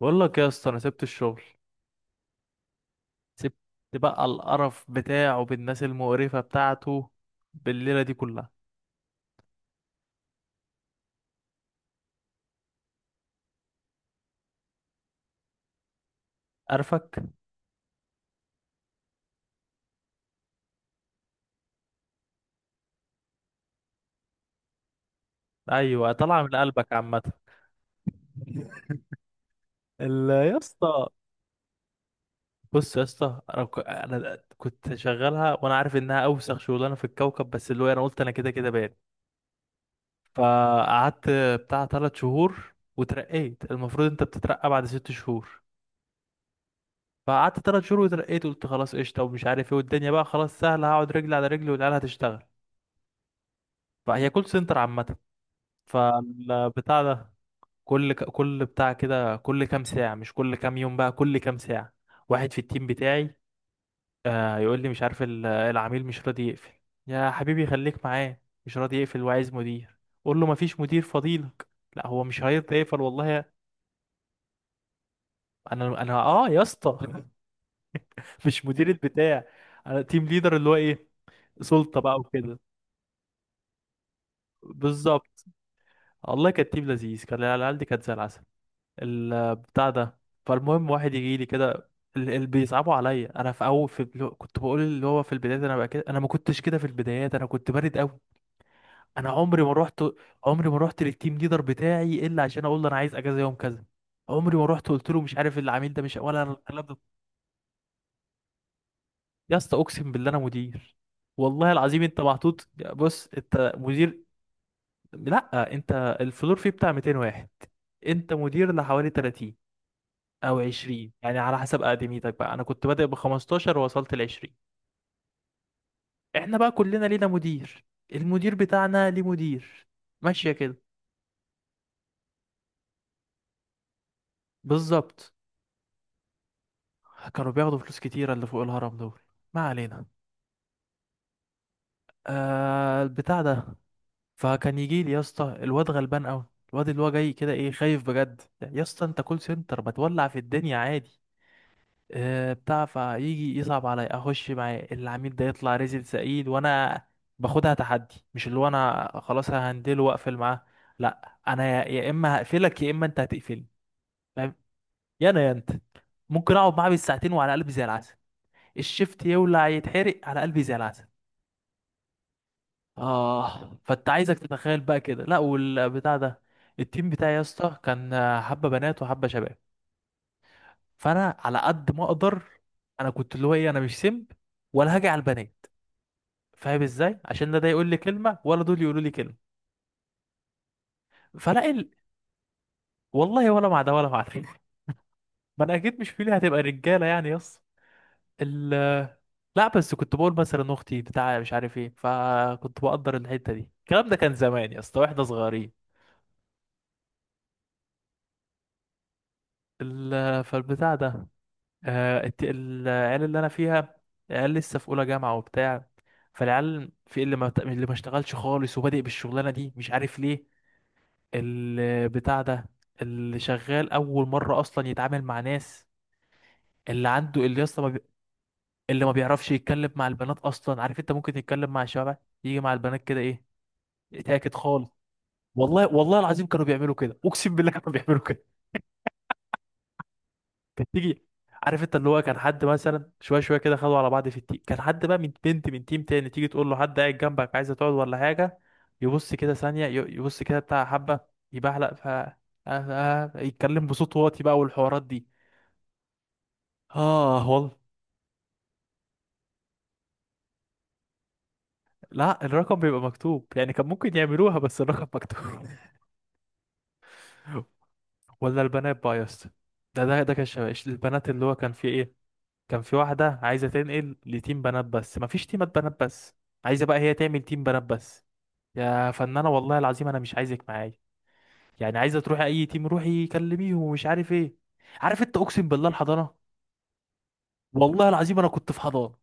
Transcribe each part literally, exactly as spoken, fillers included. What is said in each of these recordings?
بقول لك يا اسطى، انا سبت الشغل. سبت بقى القرف بتاعه بالناس المقرفة بتاعته بالليلة دي كلها. قرفك. ايوه طالعة من قلبك عامة. ال- يا اسطى، بص يا اسطى، انا ك- انا كنت شغالها وانا عارف انها اوسخ شغلانه في الكوكب، بس اللي هو انا قلت انا كده كده بان. فقعدت بتاع ثلاث شهور وترقيت. المفروض انت بتترقى بعد ست شهور، فقعدت ثلاث شهور وترقيت. قلت خلاص قشطه ومش عارف ايه، والدنيا بقى خلاص سهله، هقعد رجلي على رجلي والعيال هتشتغل. فهي كول سنتر عامة. فالبتاع ده، كل ك... كل بتاع كده، كل كام ساعة، مش كل كام يوم بقى، كل كام ساعة واحد في التيم بتاعي آه يقول لي مش عارف، ال- العميل مش راضي يقفل. يا حبيبي خليك معاه. مش راضي يقفل وعايز مدير. قول له مفيش مدير فضيلك. لا هو مش هيرضى يقفل والله. انا انا اه يا اسطى، مش مدير البتاع. انا تيم ليدر، اللي هو ايه، سلطة بقى وكده. بالظبط. والله كانت تيم لذيذ، كان العيال دي كانت زي العسل. البتاع ده. فالمهم واحد يجي لي كده، ال- اللي بيصعبوا عليا انا في اول في بلو... كنت بقول اللي هو في البدايات. انا بقى كده، انا ما كنتش كده في البدايات، انا كنت بارد قوي. انا عمري ما رحت، عمري ما رحت للتيم ليدر بتاعي الا عشان اقول له انا عايز اجازه يوم كذا. عمري ما رحت قلت له مش عارف العميل ده مش، ولا الكلام ده. يا اسطى اقسم بالله انا مدير، والله العظيم انت محطوط. بص انت مدير. لا انت، الفلور فيه بتاع ميتين واحد، انت مدير لحوالي تلاتين او عشرين، يعني على حسب اقدميتك بقى. انا كنت بادئ ب خمستاشر ووصلت ل عشرين. احنا بقى كلنا لينا مدير، المدير بتاعنا ليه مدير، ماشية كده. بالظبط. كانوا بياخدوا فلوس كتيرة اللي فوق الهرم دول. ما علينا. آه البتاع ده. فكان يجي لي يا اسطى الواد غلبان قوي، الواد اللي هو جاي كده ايه خايف بجد. يا اسطى انت كول سنتر، بتولع في الدنيا عادي. آه، بتاع فيجي يصعب عليا اخش مع العميل ده، يطلع رزل سعيد، وانا باخدها تحدي، مش اللي هو انا خلاص ههندله واقفل معاه. لا انا، يا يا اما هقفلك يا اما انت هتقفلني، فاهم، يا انا يا انت. ممكن اقعد معاه بالساعتين وعلى قلبي زي العسل. الشفت يولع يتحرق على قلبي زي العسل. اه فانت عايزك تتخيل بقى كده. لا والبتاع ده، التيم بتاعي يا اسطى كان آه، حبه بنات وحبه شباب. فانا على قد ما اقدر، انا كنت اللي هو ايه، انا مش سمب ولا هاجي على البنات، فاهم ازاي، عشان لا ده يقول لي كلمه ولا دول يقولوا لي كلمه. فلاقي ال... والله ولا مع ده ولا مع ده. ما انا اكيد مش فيلي هتبقى رجاله يعني، يس. ال... لا بس كنت بقول مثلا اختي بتاع مش عارف ايه، فكنت بقدر الحته دي. الكلام ده كان زمان يا اسطى واحنا صغيرين. ال... فالبتاع ده، آه، الت- العيال اللي انا فيها، العيال لسه في اولى جامعه وبتاع. فالعيال في اللي ما بت- اللي ما اشتغلش خالص وبادئ بالشغلانه دي، مش عارف ليه. البتاع ده. اللي شغال اول مره اصلا يتعامل مع ناس، اللي عنده اللي اصلا ما بي... اللي ما بيعرفش يتكلم مع البنات اصلا. عارف انت ممكن تتكلم مع الشباب، يجي مع البنات كده ايه. تاكد خالص، والله والله العظيم كانوا بيعملوا كده، اقسم بالله كانوا بيعملوا كده. كانت تيجي، عارف انت اللي هو كان حد مثلا شويه شويه كده خدوا على بعض في التيم، كان حد بقى من بنت من تيم تاني تيجي تقول له حد قاعد جنبك عايزه تقعد ولا حاجه، يبص كده ثانيه، ي- يبص كده بتاع حبه، يبعلق ف آه، آه، يتكلم بصوت واطي بقى والحوارات دي. اه والله. لا الرقم بيبقى مكتوب، يعني كان ممكن يعملوها بس الرقم مكتوب. ولا البنات بقى يا اسطى، ده ده ده كان شباب. البنات اللي هو كان في ايه، كان في واحدة عايزة تنقل لتيم بنات بس، مفيش تيمات بنات بس. عايزة بقى هي تعمل تيم بنات بس. يا فنانة والله العظيم انا مش عايزك معايا، يعني عايزة تروحي اي تيم روحي كلميهم ومش عارف ايه. عارف انت، اقسم بالله الحضانة، والله العظيم انا كنت في حضانة.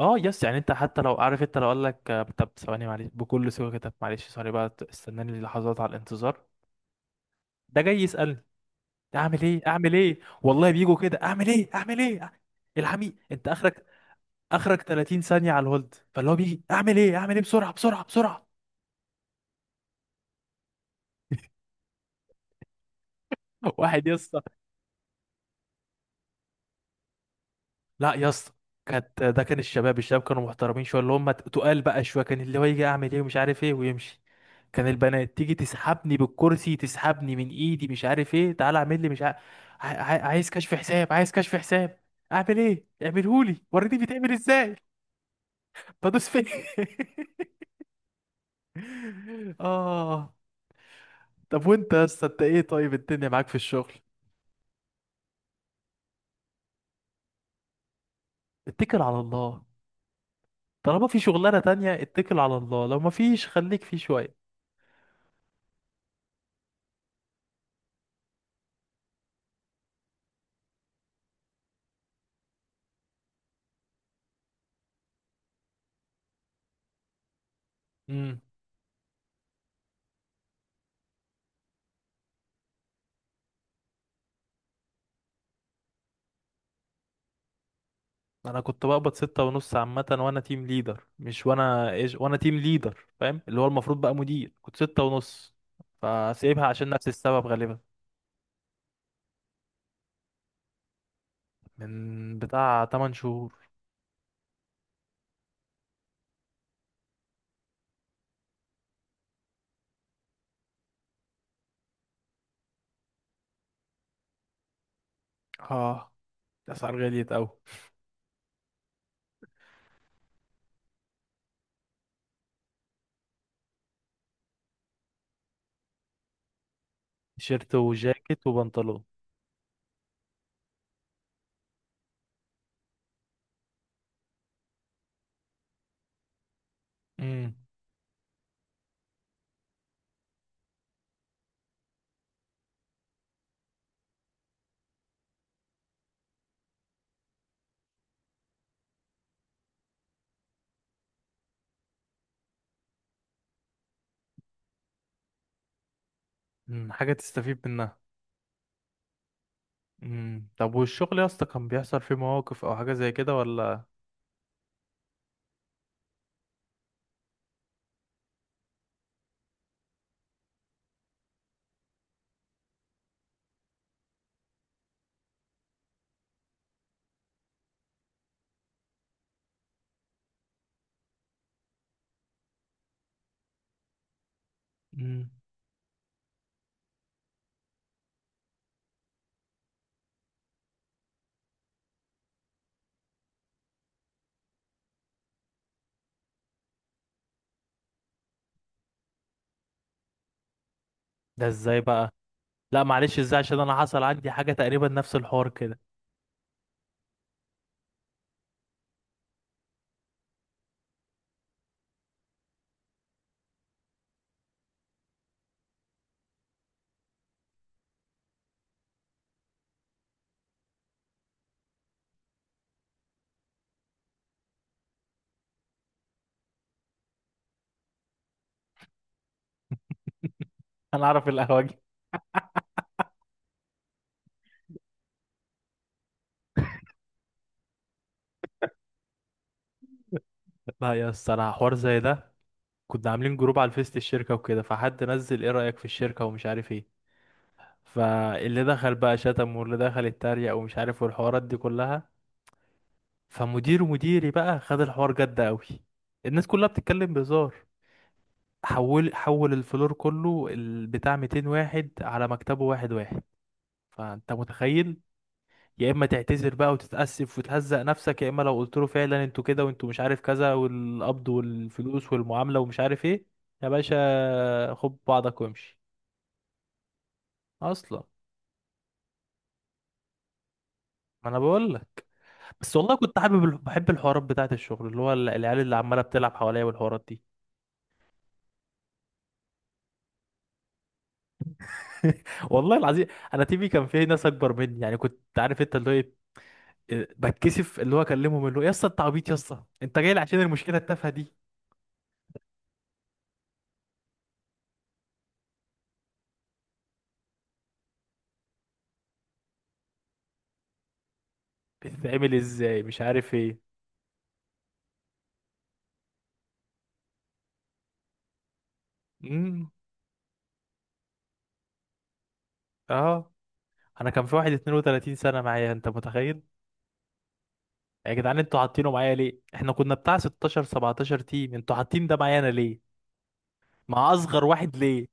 اه يس، يعني انت حتى لو عارف، انت لو قال لك آه، طب ثواني معلش، بكل سوء كده معلش سوري بقى، ت- استناني لحظات على الانتظار، ده جاي يسألني اعمل ايه اعمل ايه. والله بيجوا كده اعمل ايه اعمل ايه، الحميد انت اخرك، اخرك تلاتين ثانية على الهولد، فاللي هو بيجي اعمل ايه اعمل ايه بسرعة بسرعة بسرعة. واحد يس. لا يا اسطى، كانت، ده كان الشباب، الشباب كانوا محترمين شويه، اللي هم تقال بقى شويه، كان اللي هو يجي اعمل ايه ومش عارف ايه ويمشي. كان البنات تيجي تسحبني بالكرسي، تسحبني من ايدي مش عارف ايه، تعالى اعمل لي مش عارف، عايز كشف حساب عايز كشف حساب، اعمل ايه اعملهولي وريني بيتعمل ازاي، بدوس فين. اه. طب وانت يا اسطى انت ايه؟ طيب الدنيا معاك في الشغل. اتكل على الله، طالما في شغلانه تانية اتكل على الله، لو ما فيش خليك فيه شويه. انا كنت بقبض ستة ونص عامة، وانا تيم ليدر مش وانا ايش، وانا تيم ليدر فاهم، اللي هو المفروض بقى مدير، كنت ستة ونص. فسيبها عشان نفس السبب غالبا، من بتاع تمن شهور. اه الاسعار غليت اوي. تيشيرت وجاكيت وبنطلون. امم. أمم، حاجة تستفيد منها. امم، طب والشغل يا اسطى كان بيحصل فيه مواقف او حاجة زي كده ولا؟ امم. ده ازاي بقى؟ لا معلش، ازاي عشان انا حصل عندي حاجة تقريبا نفس الحوار كده. انا اعرف القهوجي. لا يا اسطى انا حوار زي ده، كنا عاملين جروب على الفيس الشركة وكده، فحد نزل ايه رأيك في الشركة ومش عارف ايه، فاللي دخل بقى شتم واللي دخل اتريق ومش عارف والحوارات دي كلها. فمدير مديري بقى خد الحوار جد قوي. الناس كلها بتتكلم بهزار، حول حول الفلور كله، ال- بتاع ميتين واحد على مكتبه واحد واحد. فانت متخيل، يا اما تعتذر بقى وتتأسف وتهزق نفسك، يا اما لو قلت له فعلا انتوا كده وانتوا مش عارف كذا والقبض والفلوس والمعاملة ومش عارف ايه، يا باشا خد بعضك وامشي. اصلا. ما انا بقول لك. بس والله كنت حابب الح- بحب الحوارات بتاعه الشغل، اللي هو ال- العيال اللي عماله بتلعب حواليا والحوارات دي. والله العظيم. انا تيمي كان فيه ناس اكبر مني، يعني كنت عارف انت اللي هو ايه، إيه، بتكسف اللي هو اكلمهم، اللي هو يا اسطى انت عبيط يا اسطى انت جاي لي عشان المشكله التافهه دي، بتتعمل ازاي مش عارف ايه. امم. اه. انا كان في واحد اثنين وثلاثين سنه معايا، انت متخيل؟ يا جدعان انتوا حاطينه معايا ليه، احنا كنا بتاع ستاشر سبعتاشر تيم، انتوا حاطين ده معايا انا ليه، مع اصغر واحد ليه.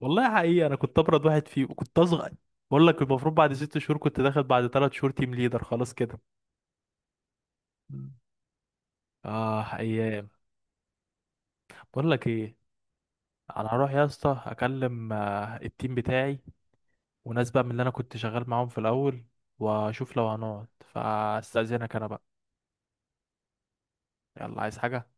والله حقيقي انا كنت ابرد واحد فيه، وكنت اصغر. بقول لك المفروض بعد ست شهور كنت داخل، بعد ثلاث شهور تيم ليدر خلاص كده. مم. اه ايام. بقول لك ايه، انا هروح يا اسطى اكلم آه، التيم بتاعي، وناس بقى من اللي انا كنت شغال معاهم في الاول، واشوف لو هنقعد. فاستاذنك انا بقى. يلا، عايز حاجة؟